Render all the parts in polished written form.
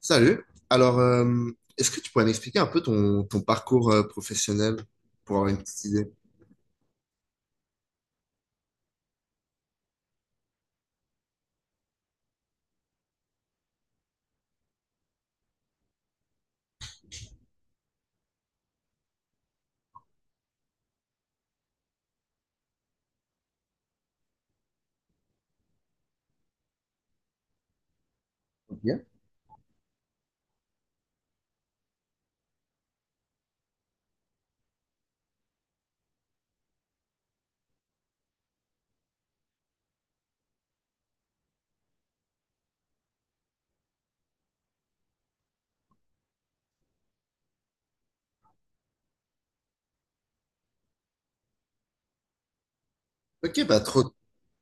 Salut. Alors, est-ce que tu pourrais m'expliquer un peu ton parcours professionnel pour avoir une petite idée? Ok. Ok, bah trop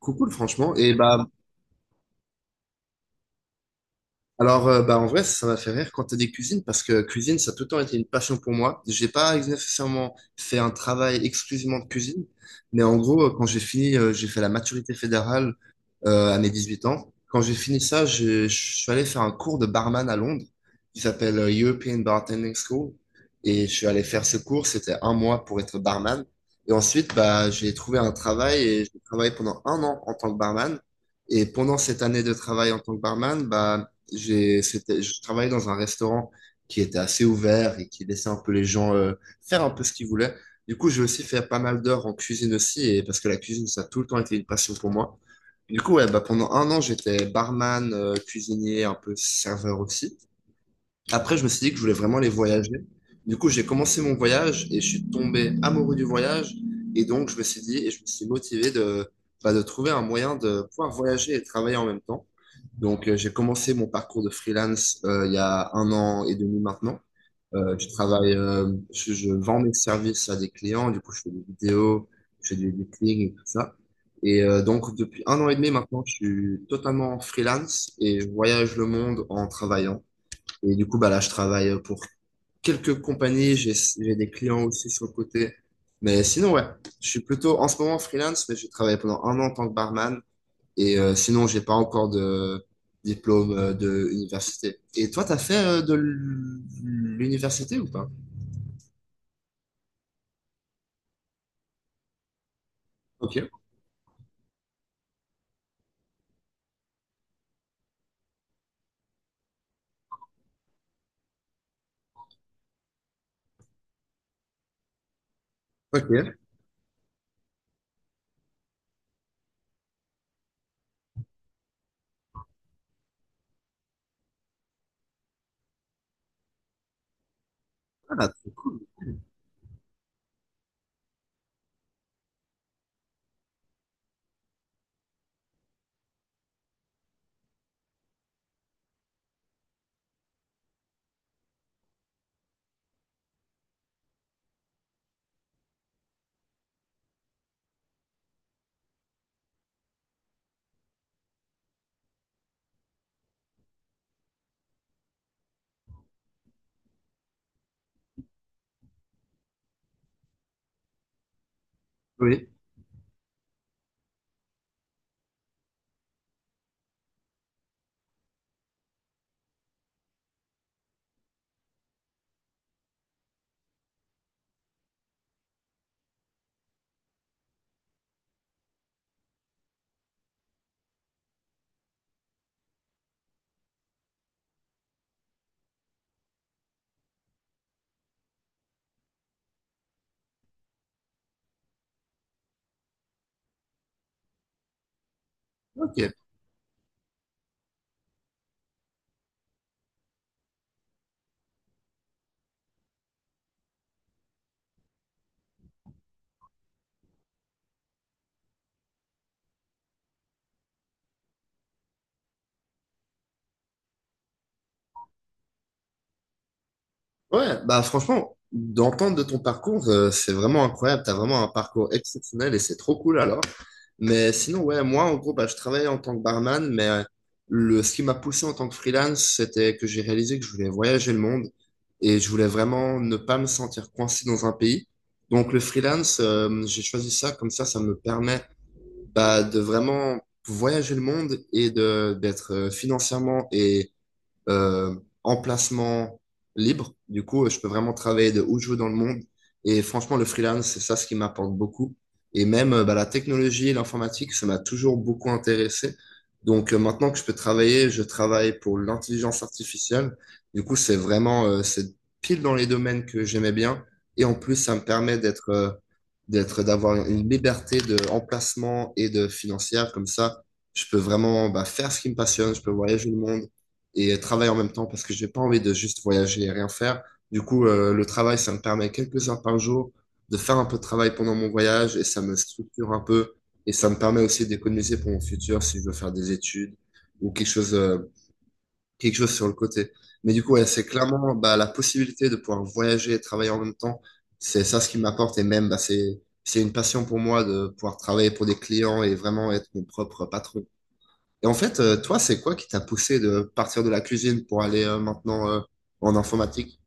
cool, cool, franchement. Et bah. Alors, bah, en vrai, ça m'a fait rire quand tu as dit cuisine, parce que cuisine, ça a tout le temps été une passion pour moi. J'ai pas nécessairement fait un travail exclusivement de cuisine, mais en gros, quand j'ai fini, j'ai fait la maturité fédérale à mes 18 ans. Quand j'ai fini ça, je suis allé faire un cours de barman à Londres qui s'appelle European Bartending School. Et je suis allé faire ce cours, c'était un mois pour être barman. Et ensuite, bah, j'ai trouvé un travail et j'ai travaillé pendant un an en tant que barman. Et pendant cette année de travail en tant que barman, bah, j'ai, c'était, je travaillais dans un restaurant qui était assez ouvert et qui laissait un peu les gens faire un peu ce qu'ils voulaient. Du coup, j'ai aussi fait pas mal d'heures en cuisine aussi, et parce que la cuisine, ça a tout le temps été une passion pour moi. Du coup, ouais, bah, pendant un an, j'étais barman, cuisinier, un peu serveur aussi. Après, je me suis dit que je voulais vraiment aller voyager. Du coup, j'ai commencé mon voyage et je suis tombé amoureux du voyage. Et donc, je me suis dit, et je me suis motivé de, bah, de trouver un moyen de pouvoir voyager et travailler en même temps. Donc, j'ai commencé mon parcours de freelance il y a un an et demi maintenant. Je travaille, je vends mes services à des clients. Du coup, je fais des vidéos, je fais du editing et tout ça. Et donc, depuis un an et demi maintenant, je suis totalement freelance et je voyage le monde en travaillant. Et du coup, bah là, je travaille pour quelques compagnies. J'ai des clients aussi sur le côté. Mais sinon, ouais, je suis plutôt en ce moment freelance, mais j'ai travaillé pendant un an en tant que barman. Et sinon, j'ai pas encore de diplôme de université. Et toi, t'as fait de l'université ou pas? Ok. Ok. Ah, c'est cool. Oui. Ok. Ouais, bah franchement, d'entendre de ton parcours, c'est vraiment incroyable. T'as vraiment un parcours exceptionnel et c'est trop cool alors. Mais sinon, ouais, moi, en gros, bah, je travaillais en tant que barman, mais le, ce qui m'a poussé en tant que freelance, c'était que j'ai réalisé que je voulais voyager le monde et je voulais vraiment ne pas me sentir coincé dans un pays. Donc, le freelance, j'ai choisi ça, comme ça me permet bah, de vraiment voyager le monde et de d'être financièrement et euh, emplacement libre. Du coup, je peux vraiment travailler de où je veux dans le monde. Et franchement, le freelance, c'est ça ce qui m'apporte beaucoup. Et même bah, la technologie et l'informatique, ça m'a toujours beaucoup intéressé. Donc maintenant que je peux travailler, je travaille pour l'intelligence artificielle. Du coup, c'est vraiment, c'est pile dans les domaines que j'aimais bien. Et en plus, ça me permet d'être, d'être, d'avoir une liberté de emplacement et de financière. Comme ça, je peux vraiment bah, faire ce qui me passionne. Je peux voyager le monde et travail en même temps parce que j'ai pas envie de juste voyager et rien faire. Du coup, le travail, ça me permet quelques heures par jour de faire un peu de travail pendant mon voyage et ça me structure un peu et ça me permet aussi d'économiser pour mon futur si je veux faire des études ou quelque chose sur le côté. Mais du coup, ouais, c'est clairement bah, la possibilité de pouvoir voyager et travailler en même temps. C'est ça ce qui m'apporte et même bah, c'est une passion pour moi de pouvoir travailler pour des clients et vraiment être mon propre patron. Et en fait, toi, c'est quoi qui t'a poussé de partir de la cuisine pour aller maintenant en informatique?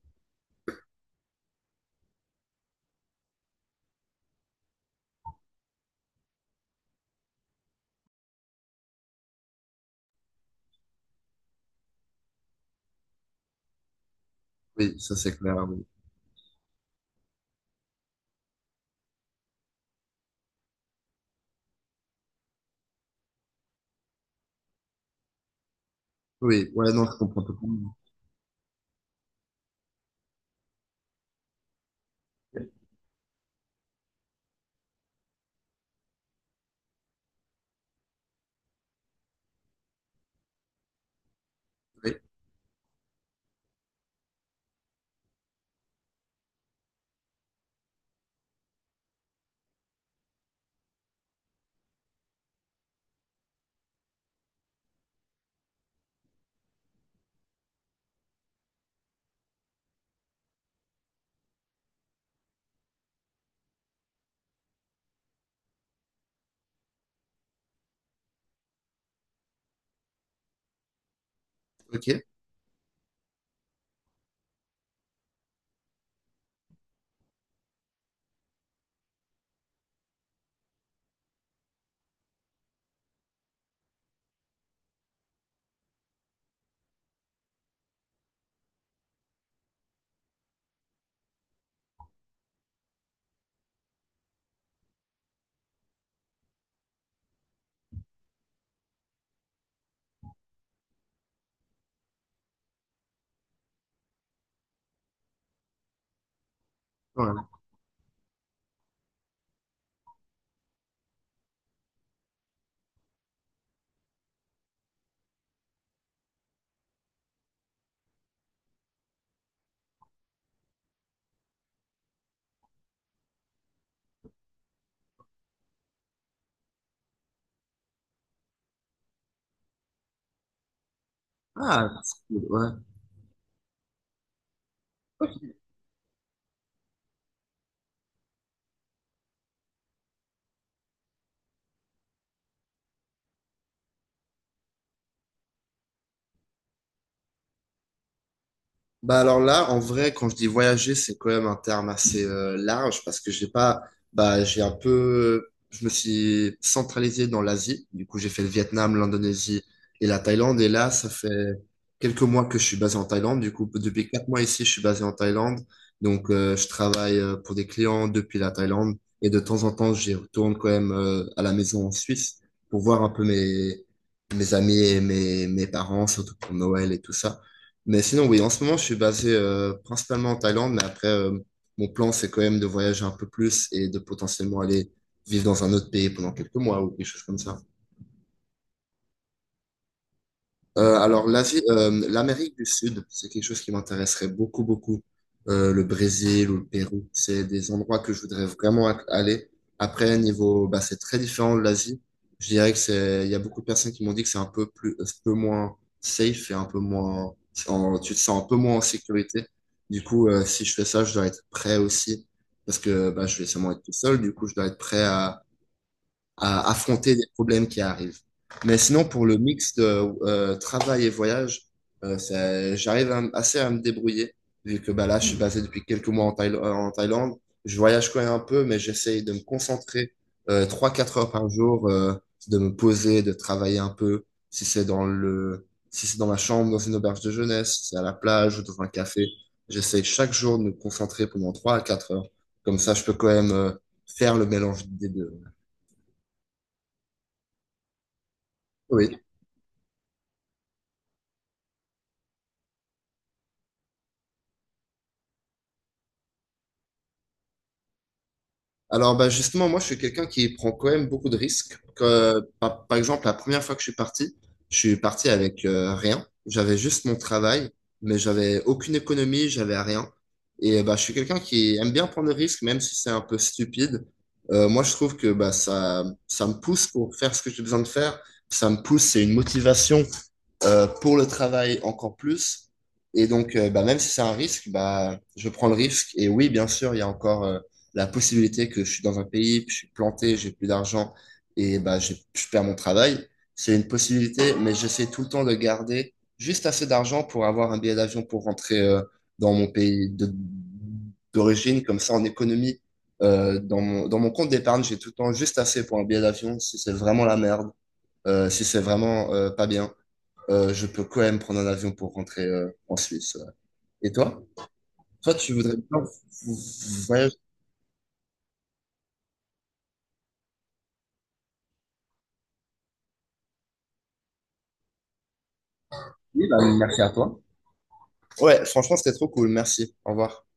Oui, ça c'est clair. Oui, oui, ouais, non, je comprends pas. Oui, ok. Ouais. Ah, c'est cool. Ouais. Bah alors là, en vrai, quand je dis voyager, c'est quand même un terme assez large parce que j'ai pas, bah j'ai un peu, je me suis centralisé dans l'Asie. Du coup, j'ai fait le Vietnam, l'Indonésie et la Thaïlande. Et là, ça fait quelques mois que je suis basé en Thaïlande. Du coup, depuis 4 mois ici, je suis basé en Thaïlande. Donc, je travaille pour des clients depuis la Thaïlande et de temps en temps, j'y retourne quand même à la maison en Suisse pour voir un peu mes amis et mes parents, surtout pour Noël et tout ça. Mais sinon, oui, en ce moment, je suis basé principalement en Thaïlande, mais après, mon plan, c'est quand même de voyager un peu plus et de potentiellement aller vivre dans un autre pays pendant quelques mois ou quelque chose comme ça. Alors, l'Asie, l'Amérique du Sud, c'est quelque chose qui m'intéresserait beaucoup, beaucoup. Le Brésil ou le Pérou, c'est des endroits que je voudrais vraiment aller. Après, niveau, bah, c'est très différent de l'Asie. Je dirais que c'est, il y a beaucoup de personnes qui m'ont dit que c'est un peu plus, un peu moins safe et un peu moins, en- tu te sens un peu moins en sécurité. Du coup, si je fais ça, je dois être prêt aussi parce que bah, je vais sûrement être tout seul. Du coup, je dois être prêt à affronter les problèmes qui arrivent. Mais sinon, pour le mix de travail et voyage, ça- j'arrive à m- assez à me débrouiller, vu que bah, là, je suis basé depuis quelques mois en en Thaïlande. Je voyage quand même un peu, mais j'essaye de me concentrer 3-4 heures par jour, de me poser, de travailler un peu, si c'est dans le, si c'est dans ma chambre, dans une auberge de jeunesse, si c'est à la plage ou dans un café. J'essaye chaque jour de me concentrer pendant 3 à 4 heures. Comme ça, je peux quand même faire le mélange des deux. Oui. Alors bah justement, moi je suis quelqu'un qui prend quand même beaucoup de risques. Que, par, par exemple, la première fois que je suis parti avec rien. J'avais juste mon travail, mais j'avais aucune économie, j'avais rien. Et bah je suis quelqu'un qui aime bien prendre des risques, même si c'est un peu stupide. Moi je trouve que bah ça ça me pousse pour faire ce que j'ai besoin de faire. Ça me pousse, c'est une motivation pour le travail encore plus. Et donc, bah, même si c'est un risque, bah, je prends le risque. Et oui, bien sûr, il y a encore la possibilité que je suis dans un pays, puis je suis planté, j'ai plus d'argent et bah, j'ai- je perds mon travail. C'est une possibilité, mais j'essaie tout le temps de garder juste assez d'argent pour avoir un billet d'avion pour rentrer dans mon pays de- d'origine. Comme ça, en économie, dans mon compte d'épargne, j'ai tout le temps juste assez pour un billet d'avion si c'est vraiment la merde, si c'est vraiment pas bien je peux quand même prendre un avion pour rentrer en Suisse. Ouais. Et toi? Toi, tu voudrais bien voyager? Oui, bah, merci à toi. Ouais, franchement, c'était trop cool. Merci. Au revoir.